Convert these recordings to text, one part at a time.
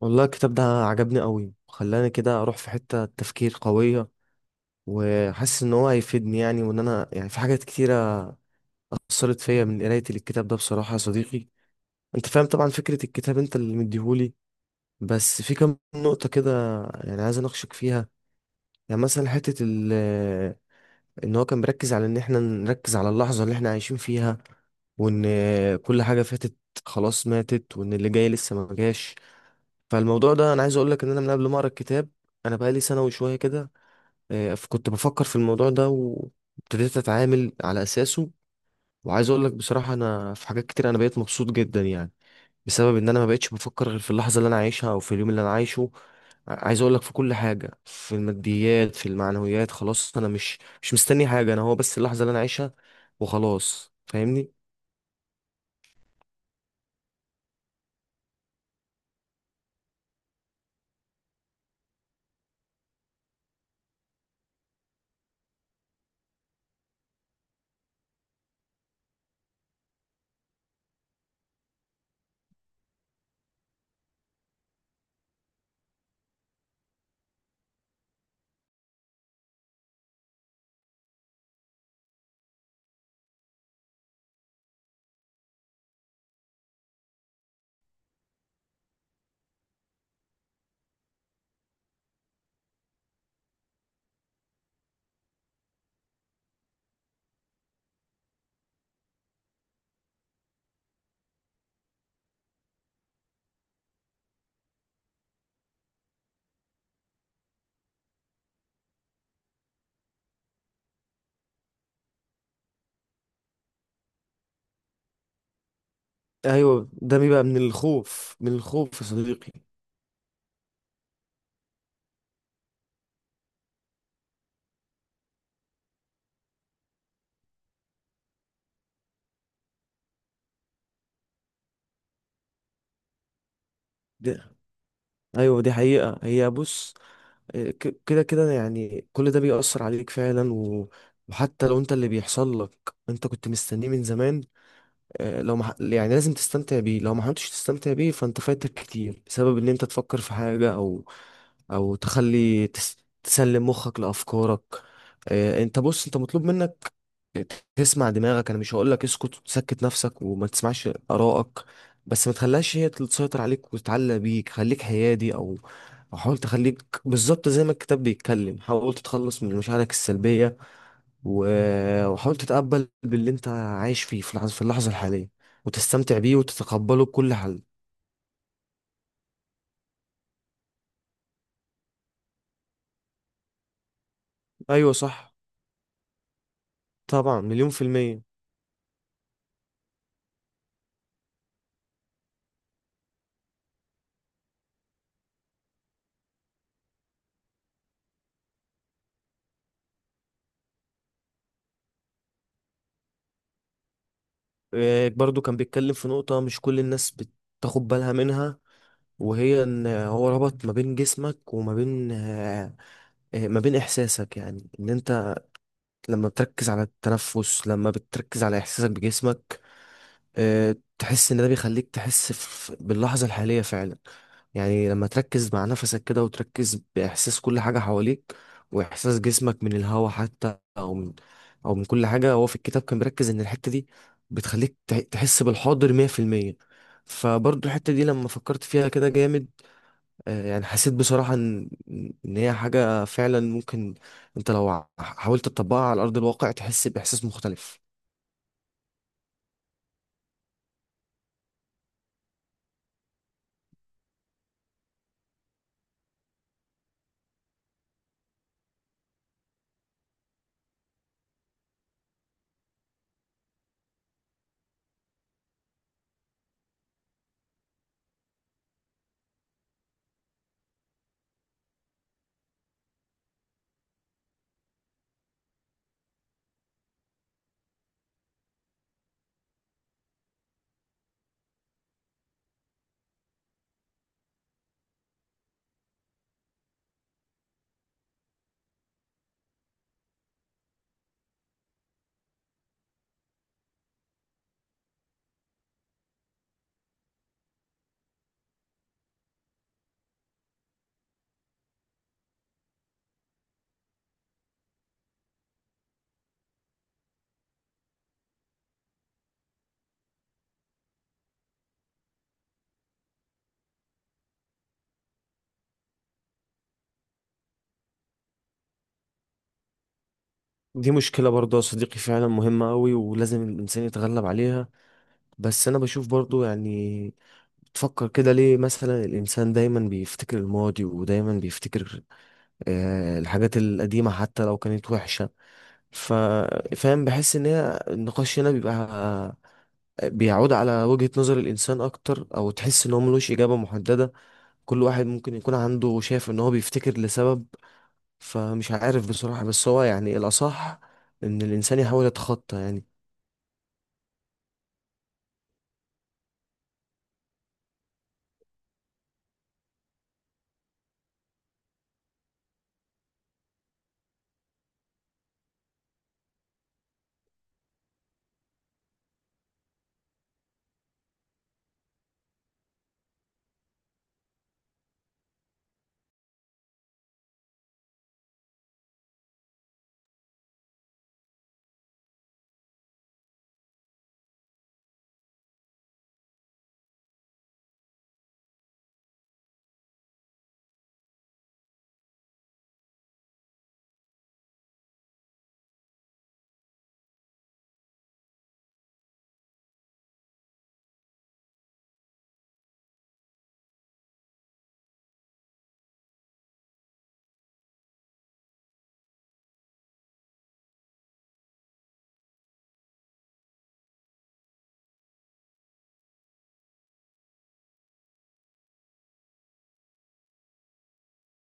والله الكتاب ده عجبني قوي، خلاني كده اروح في حتة تفكير قوية، وحاسس ان هو هيفيدني يعني، وان انا يعني في حاجات كتيرة اثرت فيا من قراية الكتاب ده بصراحة يا صديقي. انت فاهم طبعا فكرة الكتاب، انت اللي مديهولي. بس في كام نقطة كده يعني عايز اناقشك فيها. يعني مثلا حتة ان هو كان بيركز على ان احنا نركز على اللحظة اللي احنا عايشين فيها، وان كل حاجة فاتت خلاص ماتت، وان اللي جاي لسه ما جاش. فالموضوع ده انا عايز اقول لك ان انا من قبل ما اقرا الكتاب، انا بقالي سنه وشويه كده، كنت بفكر في الموضوع ده وابتديت اتعامل على اساسه. وعايز اقول لك بصراحه انا في حاجات كتير انا بقيت مبسوط جدا يعني، بسبب ان انا ما بقتش بفكر غير في اللحظه اللي انا عايشها او في اليوم اللي انا عايشه. عايز اقول لك في كل حاجه، في الماديات، في المعنويات، خلاص انا مش مستني حاجه، انا هو بس اللحظه اللي انا عايشها وخلاصس، فاهمني. ايوه، ده بيبقى من الخوف، من الخوف يا صديقي. ده ايوه، دي حقيقه، هي بص، كده كده، يعني كل ده بيأثر عليك فعلا. و... وحتى لو انت اللي بيحصل لك انت كنت مستنيه من زمان، يعني لازم تستمتع بيه، لو ما حاولتش تستمتع بيه فانت فايتك كتير، بسبب ان انت تفكر في حاجة، او تسلم مخك لأفكارك. انت بص، انت مطلوب منك تسمع دماغك. انا مش هقول لك اسكت وتسكت نفسك وما تسمعش ارائك، بس ما تخليهاش هي اللي تسيطر عليك وتتعلق بيك. خليك حيادي، أو حاول تخليك بالظبط زي ما الكتاب بيتكلم، حاول تتخلص من مشاعرك السلبية، وحاول تتقبل باللي انت عايش فيه في اللحظة الحالية، وتستمتع بيه وتتقبله بكل حال. ايوه صح. طبعا، مليون في المية. برضو كان بيتكلم في نقطة مش كل الناس بتاخد بالها منها، وهي ان هو ربط ما بين جسمك وما بين ما بين احساسك، يعني ان انت لما بتركز على التنفس، لما بتركز على احساسك بجسمك، تحس ان ده بيخليك تحس باللحظة الحالية فعلا. يعني لما تركز مع نفسك كده وتركز بإحساس كل حاجة حواليك، وإحساس جسمك من الهوا حتى، أو من كل حاجة، هو في الكتاب كان بيركز إن الحتة دي بتخليك تحس بالحاضر 100%. فبرضه الحتة دي لما فكرت فيها كده جامد، يعني حسيت بصراحة إن هي حاجة فعلا ممكن أنت لو حاولت تطبقها على أرض الواقع تحس بإحساس مختلف. دي مشكلة برضه يا صديقي، فعلا مهمة أوي ولازم الإنسان يتغلب عليها. بس أنا بشوف برضه يعني، بتفكر كده ليه مثلا الإنسان دايما بيفتكر الماضي ودايما بيفتكر الحاجات القديمة حتى لو كانت وحشة؟ ف- فاهم، بحس إن هي النقاش هنا بيبقى بيعود على وجهة نظر الإنسان أكتر، أو تحس إن هو ملوش إجابة محددة، كل واحد ممكن يكون عنده شايف إن هو بيفتكر لسبب. فمش عارف بصراحة، بس هو يعني الأصح إن الإنسان يحاول يتخطى يعني.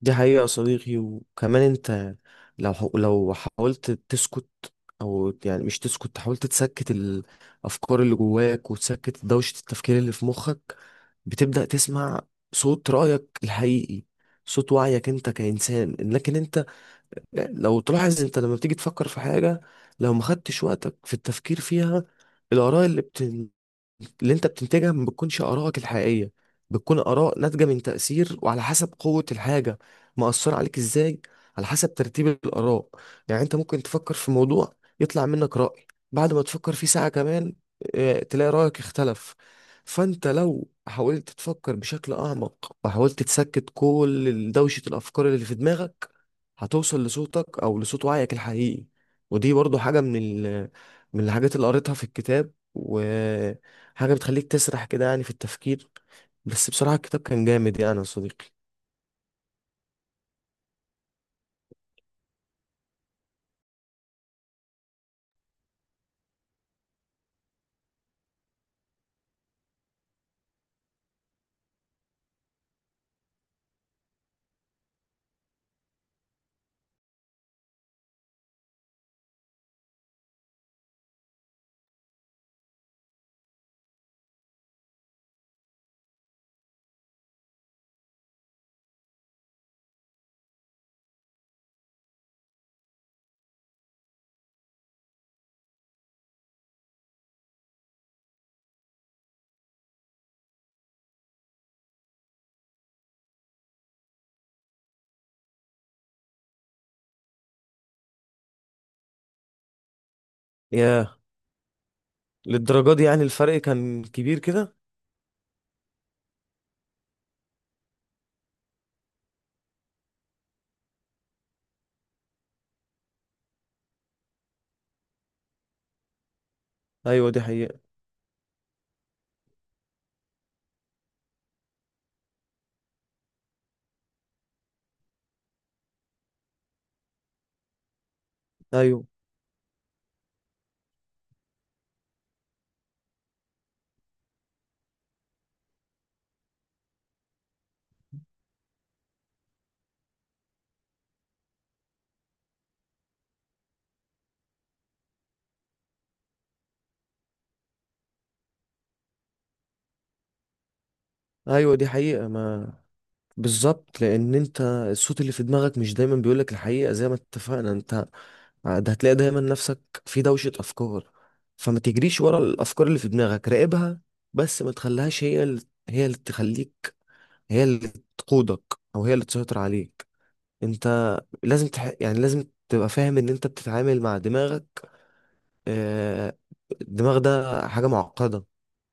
دي حقيقة يا صديقي، وكمان انت لو لو حاولت تسكت، او يعني مش تسكت، حاولت تسكت الافكار اللي جواك وتسكت دوشة التفكير اللي في مخك، بتبدأ تسمع صوت رأيك الحقيقي، صوت وعيك انت كإنسان. لكن انت لو تلاحظ، انت لما بتيجي تفكر في حاجة، لو ما خدتش وقتك في التفكير فيها، الآراء اللي انت بتنتجها ما بتكونش آرائك الحقيقية، بتكون آراء ناتجة من تأثير، وعلى حسب قوة الحاجة مأثرة عليك ازاي، على حسب ترتيب الآراء. يعني انت ممكن تفكر في موضوع يطلع منك رأي، بعد ما تفكر فيه ساعة كمان اه، تلاقي رأيك اختلف. فانت لو حاولت تفكر بشكل أعمق، وحاولت تسكت كل دوشة الأفكار اللي في دماغك، هتوصل لصوتك أو لصوت وعيك الحقيقي. ودي برضو حاجة من من الحاجات اللي قريتها في الكتاب، حاجة بتخليك تسرح كده يعني في التفكير. بس بصراحة الكتاب كان جامد يعني يا صديقي. ياه، للدرجة دي يعني الفرق كان كبير كده! أيوة، دي حقيقة. أيوة أيوة، دي حقيقة، ما بالظبط، لأن أنت الصوت اللي في دماغك مش دايما بيقولك الحقيقة زي ما اتفقنا أنت، ده هتلاقي دايما نفسك في دوشة أفكار. فما تجريش ورا الأفكار اللي في دماغك، راقبها، بس ما تخليهاش هي اللي تخليك هي اللي تقودك، أو هي اللي تسيطر عليك. انت لازم يعني لازم تبقى فاهم ان انت بتتعامل مع دماغك، آه، الدماغ ده حاجة معقدة،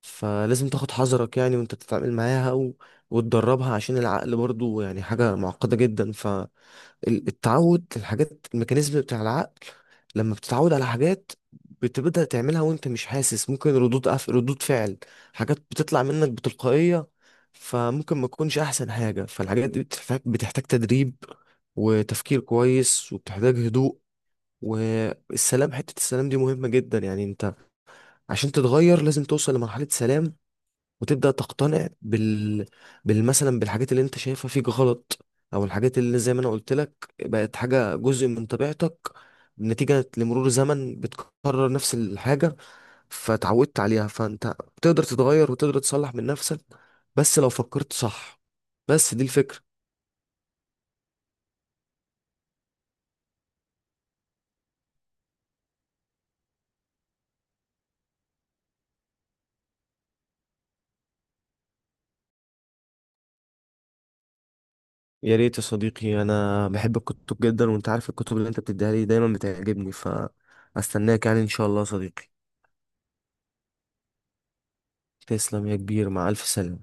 فلازم تاخد حذرك يعني وانت بتتعامل معاها، وتدربها، عشان العقل برضو يعني حاجة معقدة جدا. التعود، الحاجات، الميكانيزم بتاع العقل، لما بتتعود على حاجات بتبدأ تعملها وانت مش حاسس، ممكن ردود فعل، حاجات بتطلع منك بتلقائية، فممكن ما تكونش أحسن حاجة. فالحاجات دي بتحتاج تدريب وتفكير كويس وبتحتاج هدوء، والسلام، حتة السلام دي مهمة جدا يعني. انت عشان تتغير لازم توصل لمرحلة سلام، وتبدأ تقتنع بال مثلا بالحاجات اللي انت شايفها فيك غلط، او الحاجات اللي زي ما انا قلت لك بقت حاجة جزء من طبيعتك نتيجة لمرور زمن بتكرر نفس الحاجة فتعودت عليها. فانت تقدر تتغير وتقدر تصلح من نفسك بس لو فكرت صح. بس دي الفكرة. يا ريت يا صديقي، انا بحب الكتب جدا، وانت عارف الكتب اللي انت بتديها لي دايما بتعجبني، فاستناك يعني ان شاء الله يا صديقي. تسلم يا كبير، مع الف سلامة.